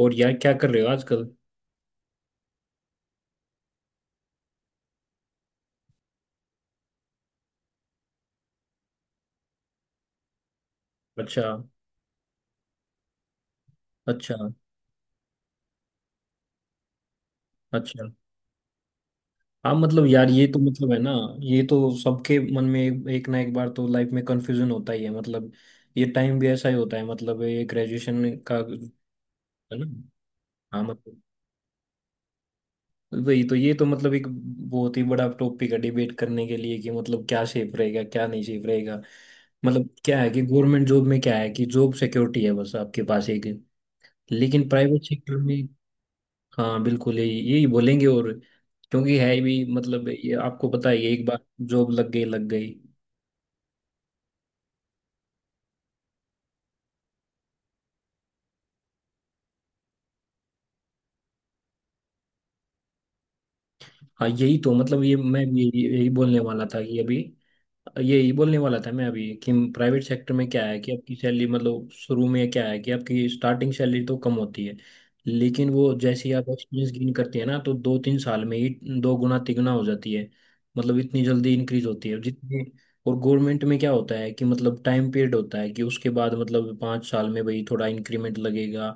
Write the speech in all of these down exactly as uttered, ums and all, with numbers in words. और यार क्या कर रहे हो आजकल? अच्छा। अच्छा। अच्छा। हाँ, मतलब यार ये तो मतलब है ना। ये तो सबके मन में एक, एक ना एक बार तो लाइफ में कंफ्यूजन होता ही है, मतलब ये टाइम भी ऐसा ही होता है, मतलब ये ग्रेजुएशन का है ना। हाँ मतलब, वही तो, ये तो मतलब एक बहुत ही बड़ा टॉपिक है डिबेट करने के लिए कि मतलब क्या सेफ रहेगा क्या नहीं सेफ रहेगा। मतलब क्या है कि गवर्नमेंट जॉब में क्या है कि जॉब सिक्योरिटी है, बस आपके पास एक, लेकिन प्राइवेट सेक्टर में। हाँ बिल्कुल यही यही बोलेंगे, और क्योंकि है भी, मतलब ये आपको पता ही है एक बार जॉब लग गई लग गई। हाँ यही तो मतलब, ये मैं भी यही यही बोलने वाला था कि अभी, यही बोलने वाला था मैं अभी, कि प्राइवेट सेक्टर में क्या है कि आपकी सैलरी, मतलब शुरू में क्या है कि आपकी स्टार्टिंग सैलरी तो कम होती है, लेकिन वो जैसे ही आप एक्सपीरियंस गेन करते हैं ना तो दो तीन साल में ही दो गुना तिगुना हो जाती है, मतलब इतनी जल्दी इंक्रीज होती है जितनी। और गवर्नमेंट में क्या होता है कि मतलब टाइम पीरियड होता है कि उसके बाद मतलब पाँच साल में भाई थोड़ा इंक्रीमेंट लगेगा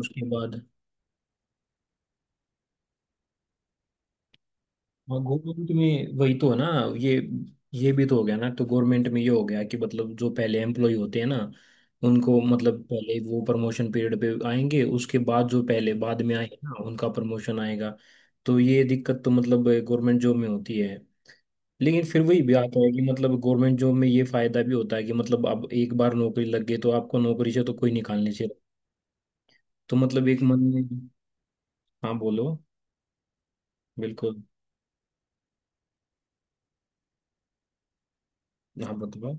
उसके बाद। हाँ गवर्नमेंट में वही तो है ना। ये ये भी तो हो गया ना, तो गवर्नमेंट में ये हो गया कि मतलब जो पहले एम्प्लॉय होते हैं ना उनको मतलब पहले वो प्रमोशन पीरियड पे आएंगे, उसके बाद जो पहले बाद में आए हैं ना उनका प्रमोशन आएगा। तो ये दिक्कत तो मतलब गवर्नमेंट जॉब में होती है, लेकिन फिर वही भी आता है कि मतलब गवर्नमेंट जॉब में ये फायदा भी होता है कि मतलब अब एक बार नौकरी लग गई तो आपको नौकरी से तो कोई निकालने से, तो मतलब एक मन में। हाँ बोलो। बिल्कुल। हाँ बताओ।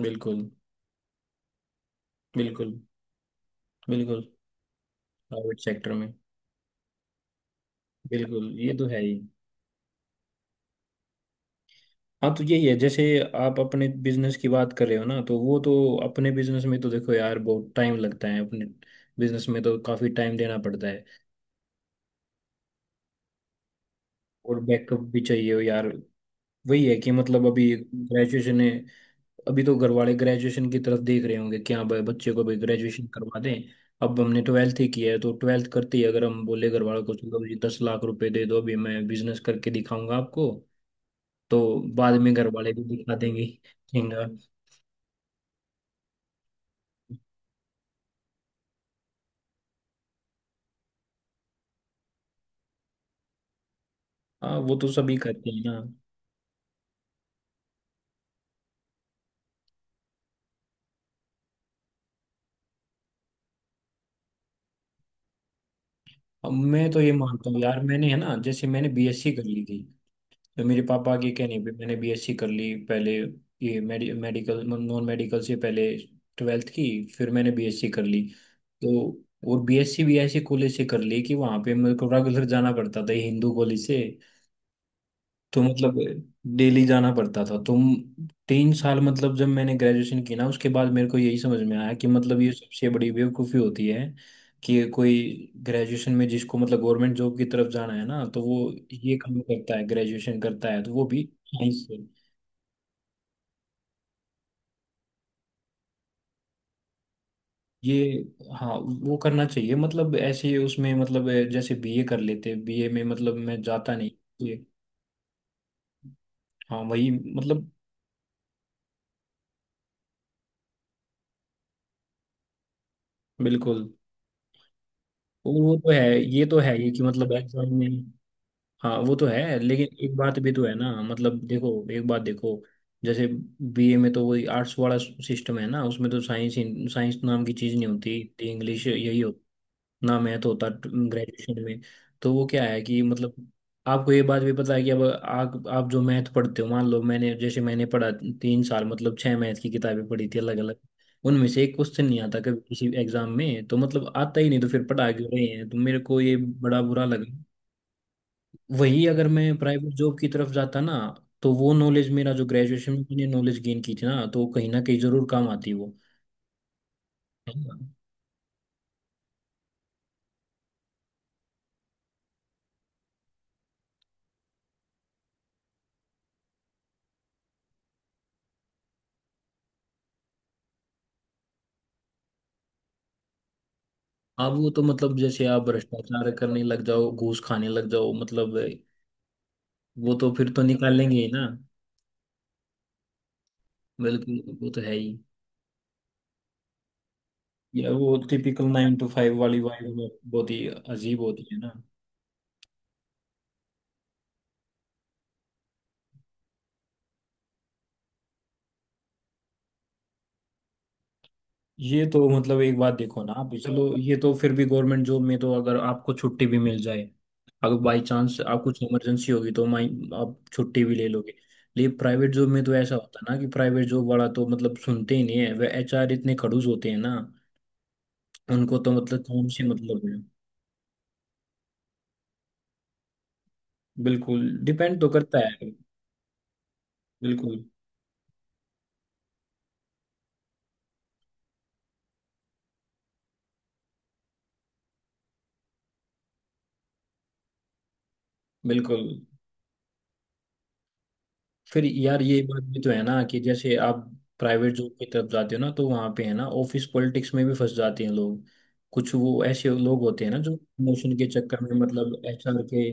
बिल्कुल। बिल्कुल। बिल्कुल। प्राइवेट सेक्टर में। बिल्कुल ये तो है ही। हाँ तो यही है, जैसे आप अपने बिजनेस की बात कर रहे हो ना तो वो तो, अपने बिजनेस में तो देखो यार बहुत टाइम लगता है, अपने बिजनेस में तो काफी टाइम देना पड़ता है और बैकअप भी चाहिए हो यार। वही है कि मतलब अभी ग्रेजुएशन है, अभी तो घर वाले ग्रेजुएशन की तरफ देख रहे होंगे कि हाँ भाई बच्चे को भी ग्रेजुएशन करवा दें। अब हमने ट्वेल्थ ही किया है तो ट्वेल्थ करते ही अगर हम बोले घर वालों को चलो जी दस लाख रुपए दे दो अभी मैं बिजनेस करके दिखाऊंगा आपको, तो बाद में घर वाले भी दिखा देंगे झींगा। हाँ वो तो सभी करते हैं ना। अब मैं तो ये मानता हूँ यार, मैंने, है ना, जैसे मैंने बी एस सी कर ली थी, तो मेरे पापा के कहने पे मैंने बी एस सी कर ली पहले। ये मेडि, मेडिकल नॉन मेडिकल से पहले ट्वेल्थ की, फिर मैंने बी एस सी कर ली तो। और बी एस सी भी ऐसे कॉलेज से कर ली कि वहाँ पे मेरे को रेगुलर जाना पड़ता था, ये हिंदू कॉलेज से, तो मतलब डेली जाना पड़ता था, तो तीन साल, मतलब जब मैंने ग्रेजुएशन की ना उसके बाद मेरे को यही समझ में आया कि मतलब ये सबसे बड़ी बेवकूफ़ी होती है कि कोई ग्रेजुएशन में, जिसको मतलब गवर्नमेंट जॉब की तरफ जाना है ना तो वो ये काम करता है, ग्रेजुएशन करता है तो वो भी साइंस से। ये, हाँ वो करना चाहिए, मतलब ऐसे उसमें, मतलब जैसे बी ए कर लेते, बी ए में मतलब मैं जाता नहीं। ये, हाँ वही मतलब। बिल्कुल। और वो तो है, ये तो है, ये कि मतलब एग्जाम में। हाँ वो तो है, लेकिन एक बात भी तो है ना मतलब, देखो एक बात देखो, जैसे बीए में तो वही आर्ट्स वाला सिस्टम है ना, उसमें तो साइंस, साइंस नाम की चीज नहीं होती, इंग्लिश यही हो ना, मैथ होता ग्रेजुएशन में। तो वो क्या है कि मतलब आपको ये बात भी पता है कि अब आप आप जो मैथ पढ़ते हो, मान लो, मैंने, जैसे मैंने पढ़ा तीन साल, मतलब छह मैथ की किताबें पढ़ी थी अलग अलग, उनमें से एक क्वेश्चन नहीं आता कभी किसी एग्जाम में, तो मतलब आता ही नहीं, तो फिर पढ़ा क्यों रहे हैं, तो मेरे को ये बड़ा बुरा लगा। वही अगर मैं प्राइवेट जॉब की तरफ जाता ना, तो वो नॉलेज मेरा जो ग्रेजुएशन में मैंने नॉलेज गेन की थी ना तो वो कहीं ना कहीं जरूर काम आती वो, है ना? अब वो तो मतलब जैसे आप भ्रष्टाचार करने लग जाओ, घूस खाने लग जाओ, मतलब वो तो फिर तो निकालेंगे ही ना। बिल्कुल वो तो है ही। या वो टिपिकल नाइन टू फाइव वाली वाइफ बहुत ही अजीब होती है ना। ये तो मतलब एक बात देखो ना, आप चलो ये तो फिर भी गवर्नमेंट जॉब में तो अगर आपको छुट्टी भी मिल जाए, अगर बाई चांस आप कुछ इमरजेंसी होगी तो माई, आप छुट्टी भी ले लोगे। लेकिन प्राइवेट जॉब में तो ऐसा होता है ना कि प्राइवेट जॉब वाला तो मतलब सुनते ही नहीं है, वे एच आर इतने खड़ूस होते हैं ना, उनको तो मतलब काम से मतलब है। बिल्कुल डिपेंड तो करता है। बिल्कुल। बिल्कुल। फिर यार ये बात भी तो है ना कि जैसे आप प्राइवेट जॉब की तरफ जाते हो ना, तो वहाँ पे है ना, ऑफिस पॉलिटिक्स में भी फंस जाते हैं लोग, कुछ वो ऐसे लोग होते हैं ना जो प्रमोशन के चक्कर में मतलब एच आर के,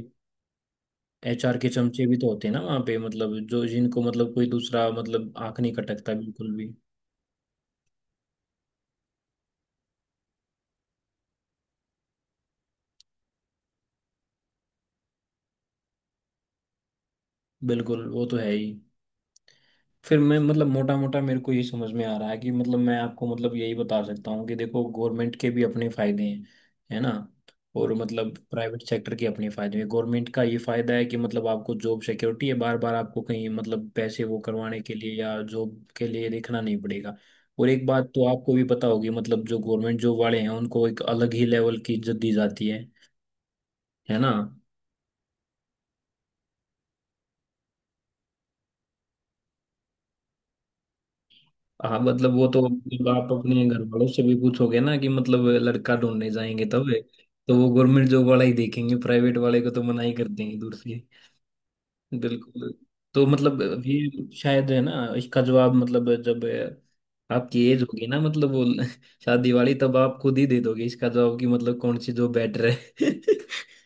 एच आर के चमचे भी तो होते हैं ना वहाँ पे, मतलब जो जिनको मतलब कोई दूसरा मतलब आंख नहीं खटकता बिल्कुल भी। बिल्कुल वो तो है ही। फिर मैं मतलब मोटा मोटा मेरे को ये समझ में आ रहा है कि मतलब मैं आपको मतलब यही बता सकता हूँ कि देखो गवर्नमेंट के भी अपने फायदे हैं है ना, और मतलब प्राइवेट सेक्टर के अपने फायदे हैं। गवर्नमेंट का ये फायदा है कि मतलब आपको जॉब सिक्योरिटी है, बार बार आपको कहीं मतलब पैसे वो करवाने के लिए या जॉब के लिए देखना नहीं पड़ेगा। और एक बात तो आपको भी पता होगी, मतलब जो गवर्नमेंट जॉब वाले हैं उनको एक अलग ही लेवल की इज्जत दी जाती है है ना। हाँ मतलब वो तो मतलब, आप अपने घर वालों से भी पूछोगे ना कि मतलब लड़का ढूंढने जाएंगे तब तो वो गवर्नमेंट जॉब वाला ही देखेंगे, प्राइवेट वाले को तो मना ही कर देंगे दूर से। बिल्कुल। तो मतलब ये शायद है ना इसका जवाब, मतलब जब आपकी एज होगी ना मतलब वो शादी वाली, तब आप खुद ही दे दोगे इसका जवाब कि मतलब कौन सी जॉब बेटर है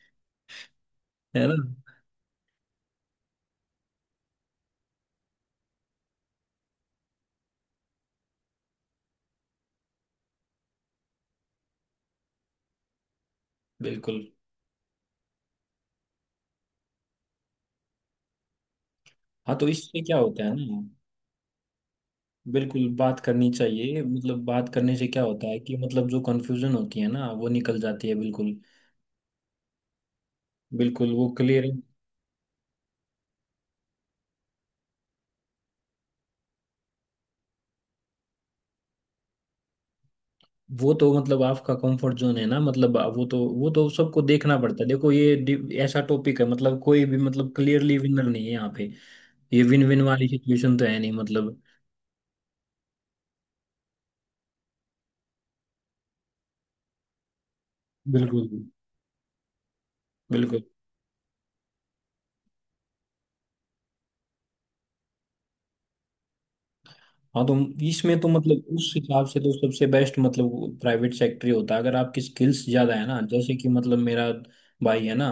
है ना। बिल्कुल। हाँ तो इससे क्या होता है ना, बिल्कुल बात करनी चाहिए, मतलब बात करने से क्या होता है कि मतलब जो कंफ्यूजन होती है ना वो निकल जाती है। बिल्कुल। बिल्कुल वो क्लियर। वो तो मतलब आपका कंफर्ट जोन है ना, मतलब वो तो वो तो सबको देखना पड़ता है। देखो ये डि- ऐसा टॉपिक है, मतलब कोई भी मतलब क्लियरली विनर नहीं है यहाँ पे, ये विन विन वाली सिचुएशन तो है नहीं मतलब। बिल्कुल। बिल्कुल। हाँ तो इसमें तो मतलब उस हिसाब से तो सबसे बेस्ट मतलब प्राइवेट सेक्टर ही होता है अगर आपकी स्किल्स ज्यादा है ना, जैसे कि मतलब मेरा भाई है ना,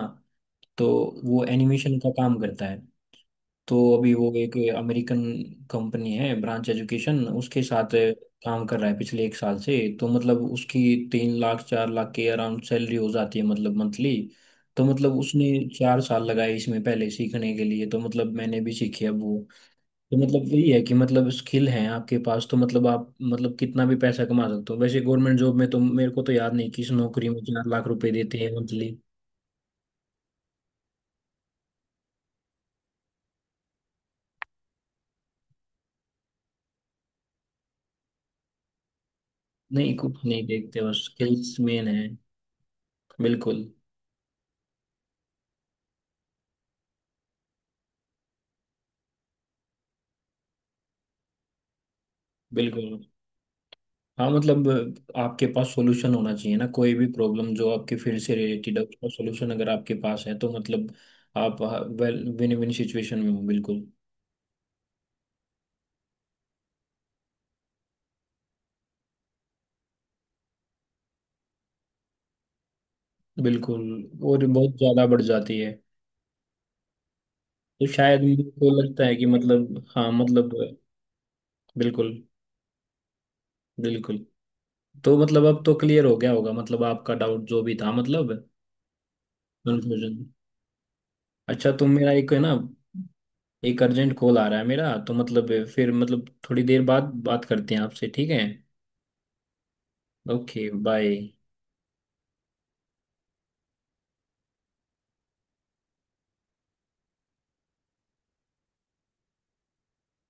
तो वो एनिमेशन का काम करता है, तो अभी वो एक अमेरिकन कंपनी है ब्रांच एजुकेशन, उसके साथ काम कर रहा है पिछले एक साल से, तो मतलब उसकी तीन लाख चार लाख के अराउंड सैलरी हो जाती है मतलब मंथली। तो मतलब उसने चार साल लगाए इसमें पहले सीखने के लिए, तो मतलब मैंने भी सीखी अब वो। तो मतलब यही है कि मतलब स्किल है आपके पास तो मतलब आप मतलब कितना भी पैसा कमा सकते हो वैसे, गवर्नमेंट जॉब में तो मेरे को तो याद नहीं किस नौकरी में चार लाख रुपए देते हैं मंथली। नहीं कुछ नहीं देखते, बस स्किल्स मेन है। बिल्कुल। बिल्कुल। हाँ मतलब आपके पास सॉल्यूशन होना चाहिए ना, कोई भी प्रॉब्लम जो आपके फील्ड से रिलेटेड है उसका सॉल्यूशन अगर आपके पास है तो मतलब आप वेल विन विन सिचुएशन में हो बिल्कुल। बिल्कुल। और बहुत ज़्यादा बढ़ जाती है। तो शायद मुझको लगता है कि मतलब, हाँ मतलब। बिल्कुल। बिल्कुल। तो मतलब अब तो क्लियर हो गया होगा मतलब आपका डाउट जो भी था, मतलब कंफ्यूजन। अच्छा तो मेरा एक है ना, एक अर्जेंट कॉल आ रहा है मेरा तो मतलब फिर मतलब थोड़ी देर बाद बात करते हैं आपसे, ठीक है? Okay bye.